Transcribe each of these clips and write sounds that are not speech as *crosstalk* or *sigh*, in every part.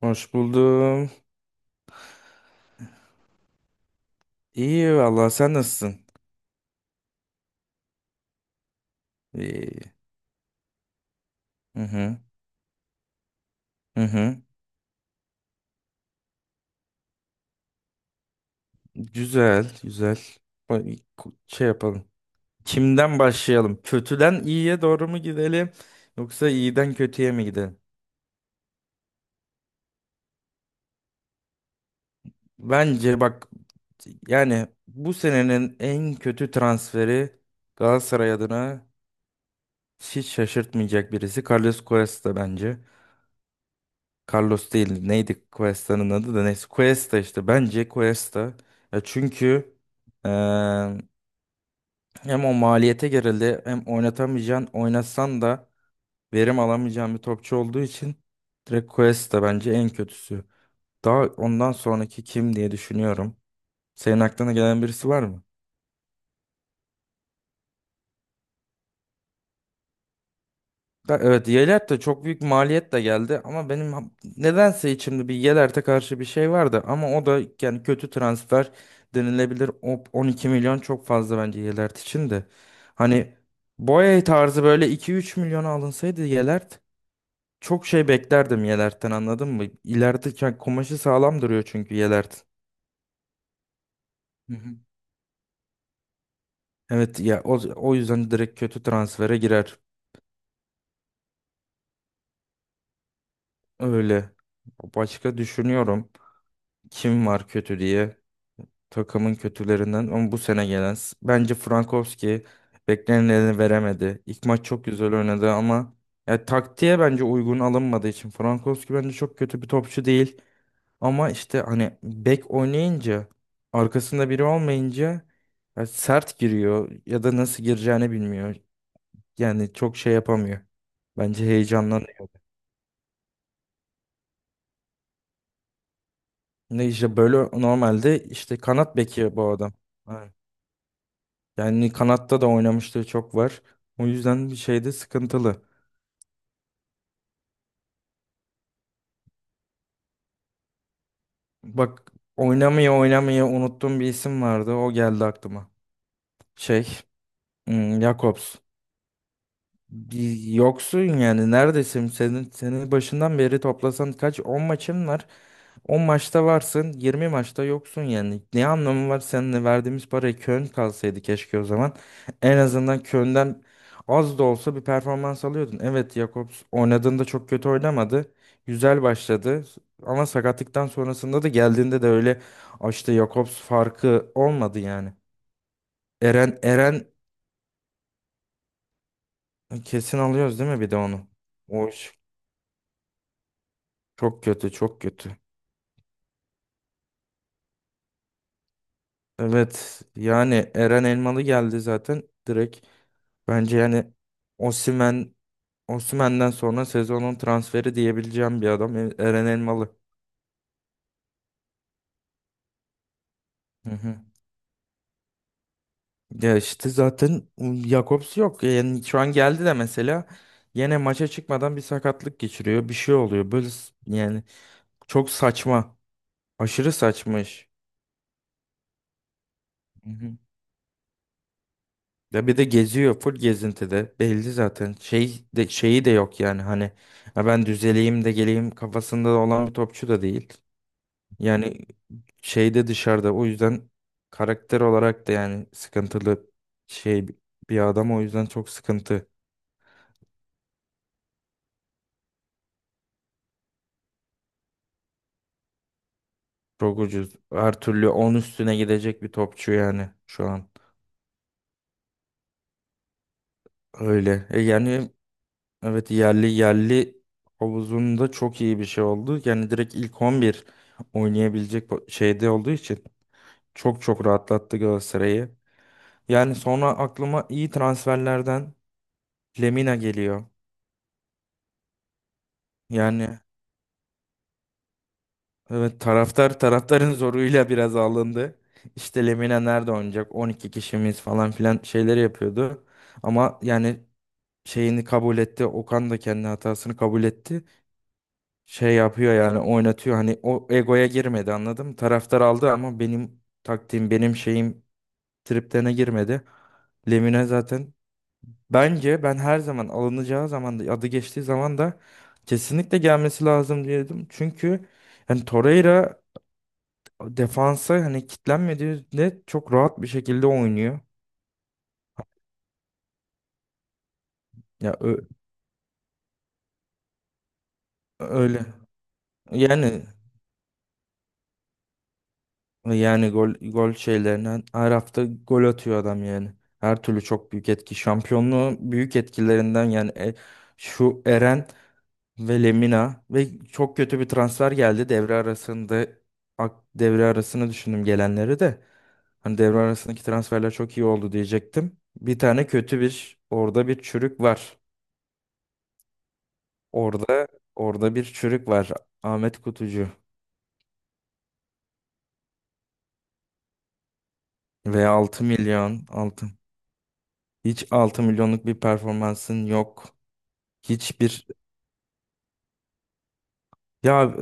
Hoş buldum. İyi vallahi sen nasılsın? İyi. Hı hı. Hı hı. Güzel, güzel. Bak, şey yapalım. Kimden başlayalım? Kötüden iyiye doğru mu gidelim, yoksa iyiden kötüye mi gidelim? Bence bak, yani bu senenin en kötü transferi Galatasaray adına hiç şaşırtmayacak birisi. Carlos Cuesta bence. Carlos değil, neydi Cuesta'nın adı, da neyse Cuesta, işte bence Cuesta, ya çünkü eee, hem o maliyete gerildi, hem oynatamayacağın, oynatsan da verim alamayacağın bir topçu olduğu için direkt Cuesta bence en kötüsü. Daha ondan sonraki kim diye düşünüyorum. Senin aklına gelen birisi var mı? Evet, Yelert de çok büyük maliyet de geldi, ama benim nedense içimde bir Yelert'e karşı bir şey vardı, ama o da yani kötü transfer denilebilir. O 12 milyon çok fazla bence Yelert için de. Hani Boye tarzı böyle 2-3 milyona alınsaydı Yelert, çok şey beklerdim Yelert'ten, anladın mı? İleride yani kumaşı sağlam duruyor çünkü Yelert. Hı hı. Evet ya, o yüzden direkt kötü transfere girer. Öyle. Başka düşünüyorum, kim var kötü diye. Takımın kötülerinden ama bu sene gelen, bence Frankowski beklenileni veremedi. İlk maç çok güzel oynadı ama ya, taktiğe bence uygun alınmadığı için Frankowski bence çok kötü bir topçu değil. Ama işte hani bek oynayınca, arkasında biri olmayınca ya, sert giriyor ya da nasıl gireceğini bilmiyor. Yani çok şey yapamıyor. Bence heyecanlanıyor. Ne, işte böyle normalde işte kanat beki bu adam. Yani kanatta da oynamışlığı çok var. O yüzden bir şeyde sıkıntılı. Bak, oynamaya oynamaya unuttuğum bir isim vardı. O geldi aklıma. Şey, Jakobs. Bir yoksun yani, neredesin? Senin başından beri toplasan kaç 10 maçın var. On maçta varsın, 20 maçta yoksun yani. Ne anlamı var seninle, verdiğimiz paraya Köln kalsaydı keşke o zaman. En azından Köln'den az da olsa bir performans alıyordun. Evet, Jakobs oynadığında çok kötü oynamadı. Güzel başladı. Ama sakatlıktan sonrasında da, geldiğinde de öyle. "Ah, işte Jakobs farkı olmadı" yani. Eren kesin alıyoruz değil mi bir de onu? O iş çok kötü, çok kötü. Evet, yani Eren Elmalı geldi zaten direkt. Bence yani Osimhen, Osimhen'den sonra sezonun transferi diyebileceğim bir adam Eren Elmalı. Hı hı. Ya işte zaten Jakobs yok. Yani şu an geldi de mesela yine maça çıkmadan bir sakatlık geçiriyor, bir şey oluyor. Böyle yani çok saçma. Aşırı saçma iş. Ya bir de geziyor, full gezintide. Belli zaten. Şey de, şeyi de yok yani, hani "Ha ben düzeleyim de geleyim" kafasında olan bir topçu da değil. Yani şeyde, dışarıda, o yüzden karakter olarak da yani sıkıntılı şey bir adam, o yüzden çok sıkıntı. Çok ucuz. Her türlü 10 üstüne gidecek bir topçu yani şu an. Öyle. E yani evet, yerli, yerli havuzunda çok iyi bir şey oldu. Yani direkt ilk 11 oynayabilecek şeyde olduğu için çok çok rahatlattı Galatasaray'ı. Yani sonra aklıma iyi transferlerden Lemina geliyor. Yani evet, taraftarın *laughs* zoruyla biraz alındı. İşte Lemina nerede oynayacak, 12 kişimiz falan filan şeyleri yapıyordu. Ama yani şeyini kabul etti. Okan da kendi hatasını kabul etti. Şey yapıyor yani, oynatıyor. Hani o egoya girmedi, anladım. Taraftar aldı ama benim taktiğim, benim şeyim triplerine girmedi. Lemina zaten, bence ben her zaman alınacağı zaman da, adı geçtiği zaman da kesinlikle gelmesi lazım diyordum. Çünkü yani Torreira defansa hani kitlenmediğinde çok rahat bir şekilde oynuyor. Ya öyle. Yani, gol, gol şeylerinden her hafta gol atıyor adam yani. Her türlü çok büyük etki. Şampiyonluğun büyük etkilerinden yani, şu Eren ve Lemina. Ve çok kötü bir transfer geldi devre arasında. Devre arasını düşündüm gelenleri de. Hani devre arasındaki transferler çok iyi oldu diyecektim. Bir tane kötü, bir orada bir çürük var. Orada orada bir çürük var. Ahmet Kutucu ve 6 milyon altın. Hiç 6 milyonluk bir performansın yok. Hiçbir, ya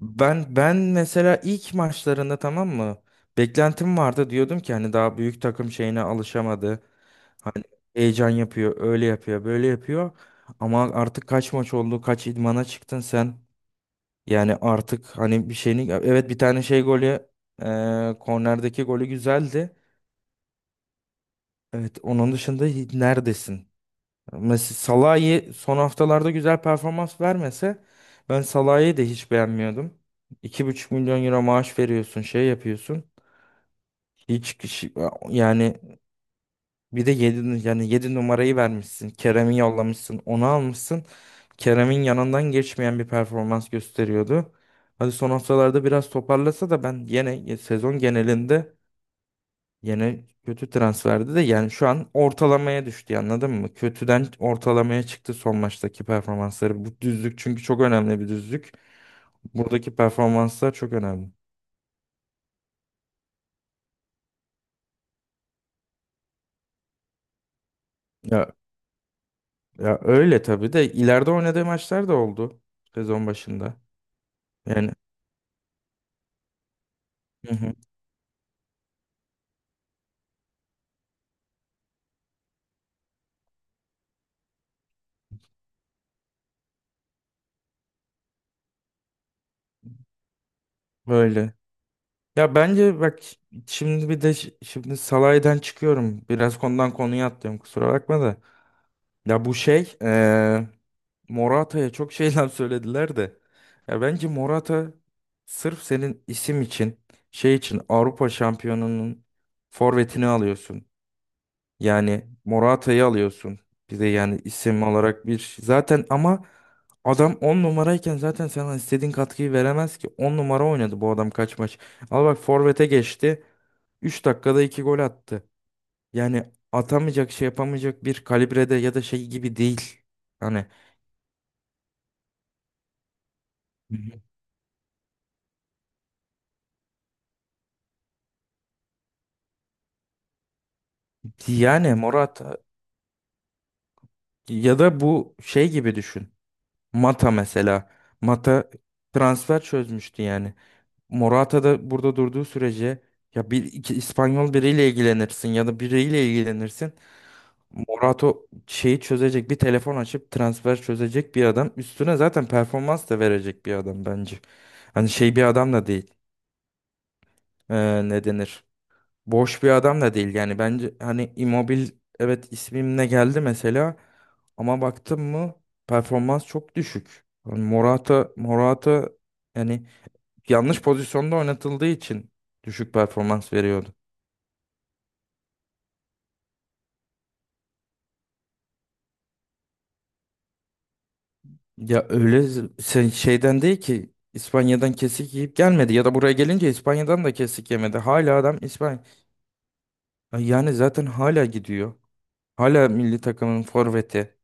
ben mesela ilk maçlarında, tamam mı? Beklentim vardı, diyordum ki hani daha büyük takım şeyine alışamadı. Heyecan yapıyor, öyle yapıyor, böyle yapıyor. Ama artık kaç maç oldu, kaç idmana çıktın sen? Yani artık hani bir şeyini, evet, bir tane şey golü, kornerdeki golü güzeldi. Evet, onun dışında neredesin? Mesela Salah'ı son haftalarda güzel performans vermese ben Salah'ı da hiç beğenmiyordum. 2,5 milyon euro maaş veriyorsun, şey yapıyorsun. Hiç kişi- Yani bir de yedi, yani 7 numarayı vermişsin. Kerem'i yollamışsın, onu almışsın. Kerem'in yanından geçmeyen bir performans gösteriyordu. Hadi son haftalarda biraz toparlasa da, ben yine sezon genelinde yine kötü transferdi de, yani şu an ortalamaya düştü, anladın mı? Kötüden ortalamaya çıktı son maçtaki performansları. Bu düzlük çünkü çok önemli bir düzlük. Buradaki performanslar çok önemli. Ya, ya öyle tabii de ileride oynadığı maçlar da oldu sezon başında. Yani, hı hı, öyle. Ya bence bak, şimdi bir de şimdi salaydan çıkıyorum. Biraz konudan konuya atlıyorum, kusura bakma da. Ya bu şey Morata'ya çok şeyler *laughs* söylediler de. Ya bence Morata, sırf senin isim için, şey için Avrupa şampiyonunun forvetini alıyorsun. Yani Morata'yı alıyorsun. Bir de yani isim olarak bir şey zaten, ama adam 10 numarayken zaten sana istediğin katkıyı veremez ki. On numara oynadı bu adam kaç maç. Al bak, forvete geçti, 3 dakikada 2 gol attı. Yani atamayacak, şey yapamayacak bir kalibrede ya da şey gibi değil. Hani, hı hı, yani Morata, ya da bu şey gibi düşün. Mata mesela. Mata transfer çözmüştü yani. Morata da burada durduğu sürece, ya bir iki İspanyol biriyle ilgilenirsin ya da biriyle ilgilenirsin. Morata şeyi çözecek, bir telefon açıp transfer çözecek bir adam. Üstüne zaten performans da verecek bir adam bence. Hani şey bir adam da değil. Ne denir? Boş bir adam da değil. Yani bence hani Immobile evet ismimle geldi mesela, ama baktım mı performans çok düşük. Yani Morata, yani yanlış pozisyonda oynatıldığı için düşük performans veriyordu. Ya öyle, sen şeyden değil ki, İspanya'dan kesik yiyip gelmedi ya da buraya gelince İspanya'dan da kesik yemedi. Hala adam İspanya. Ay yani zaten hala gidiyor. Hala milli takımın forveti.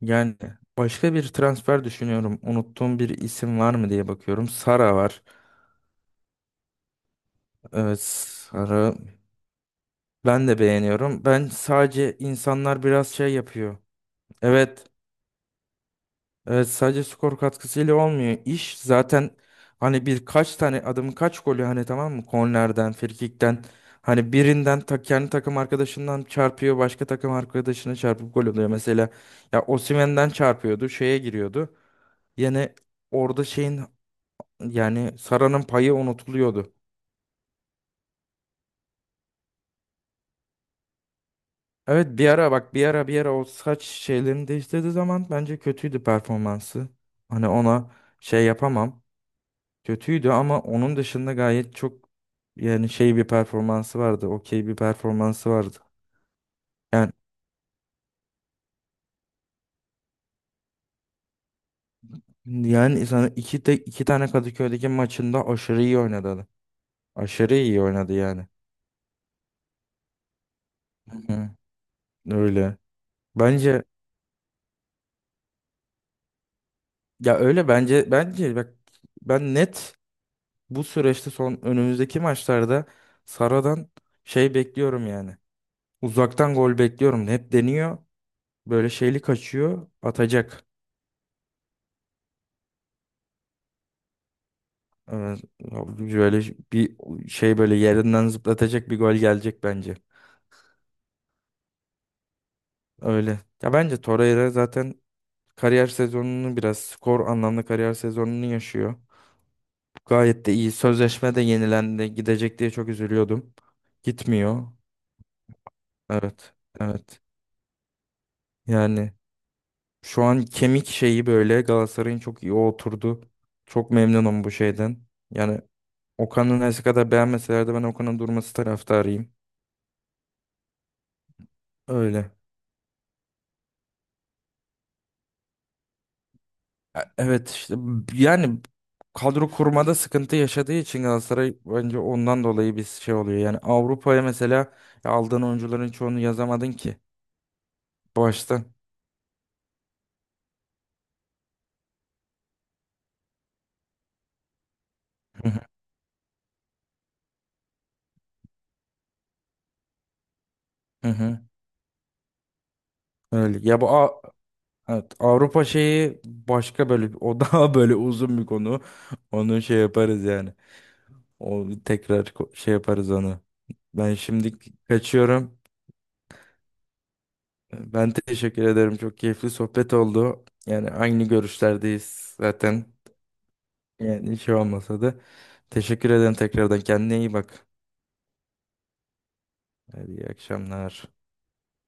Yani başka bir transfer düşünüyorum, unuttuğum bir isim var mı diye bakıyorum. Sara var. Evet, Sara, ben de beğeniyorum. Ben sadece, insanlar biraz şey yapıyor. Evet. Evet, sadece skor katkısıyla olmuyor. İş zaten hani birkaç tane adamın kaç golü, hani tamam mı? Kornerden, frikikten, hani birinden ta, kendi takım arkadaşından çarpıyor, başka takım arkadaşına çarpıp gol oluyor. Mesela ya Osimhen'den çarpıyordu, şeye giriyordu. Yani orada şeyin, yani Sara'nın payı unutuluyordu. Evet, bir ara bak, bir ara o saç şeylerini değiştirdiği zaman bence kötüydü performansı. Hani, ona şey yapamam. Kötüydü, ama onun dışında gayet çok, yani şey bir performansı vardı. Okey bir performansı vardı. Yani yani sana iki de iki tane Kadıköy'deki maçında aşırı iyi oynadı adam. Aşırı iyi oynadı yani. Hı *laughs* hı. Öyle. Bence, ya öyle, bence bak, ben net, bu süreçte son, önümüzdeki maçlarda Sara'dan şey bekliyorum yani. Uzaktan gol bekliyorum. Hep deniyor. Böyle şeyli kaçıyor. Atacak. Evet. Ya böyle bir şey, böyle yerinden zıplatacak bir gol gelecek bence. Öyle. Ya bence Torreira zaten kariyer sezonunu, biraz skor anlamda kariyer sezonunu yaşıyor. Gayet de iyi. Sözleşme de yenilendi. Gidecek diye çok üzülüyordum. Gitmiyor. Evet. Evet. Yani şu an kemik şeyi böyle Galatasaray'ın çok iyi oturdu. Çok memnunum bu şeyden. Yani Okan'ın her kadar beğenmeseler de ben Okan'ın durması taraftarıyım. Öyle. Evet işte yani kadro kurmada sıkıntı yaşadığı için Galatasaray, bence ondan dolayı bir şey oluyor. Yani Avrupa'ya mesela aldığın oyuncuların çoğunu yazamadın ki başta. Hı hı, hı hı. Öyle. Ya bu evet, Avrupa şeyi başka, böyle o *laughs* daha böyle uzun bir konu. Onu şey yaparız yani. O tekrar, şey yaparız onu. Ben şimdi kaçıyorum. Ben teşekkür ederim. Çok keyifli sohbet oldu. Yani aynı görüşlerdeyiz zaten. Yani hiç olmasa da, teşekkür ederim tekrardan. Kendine iyi bak. Hadi iyi akşamlar.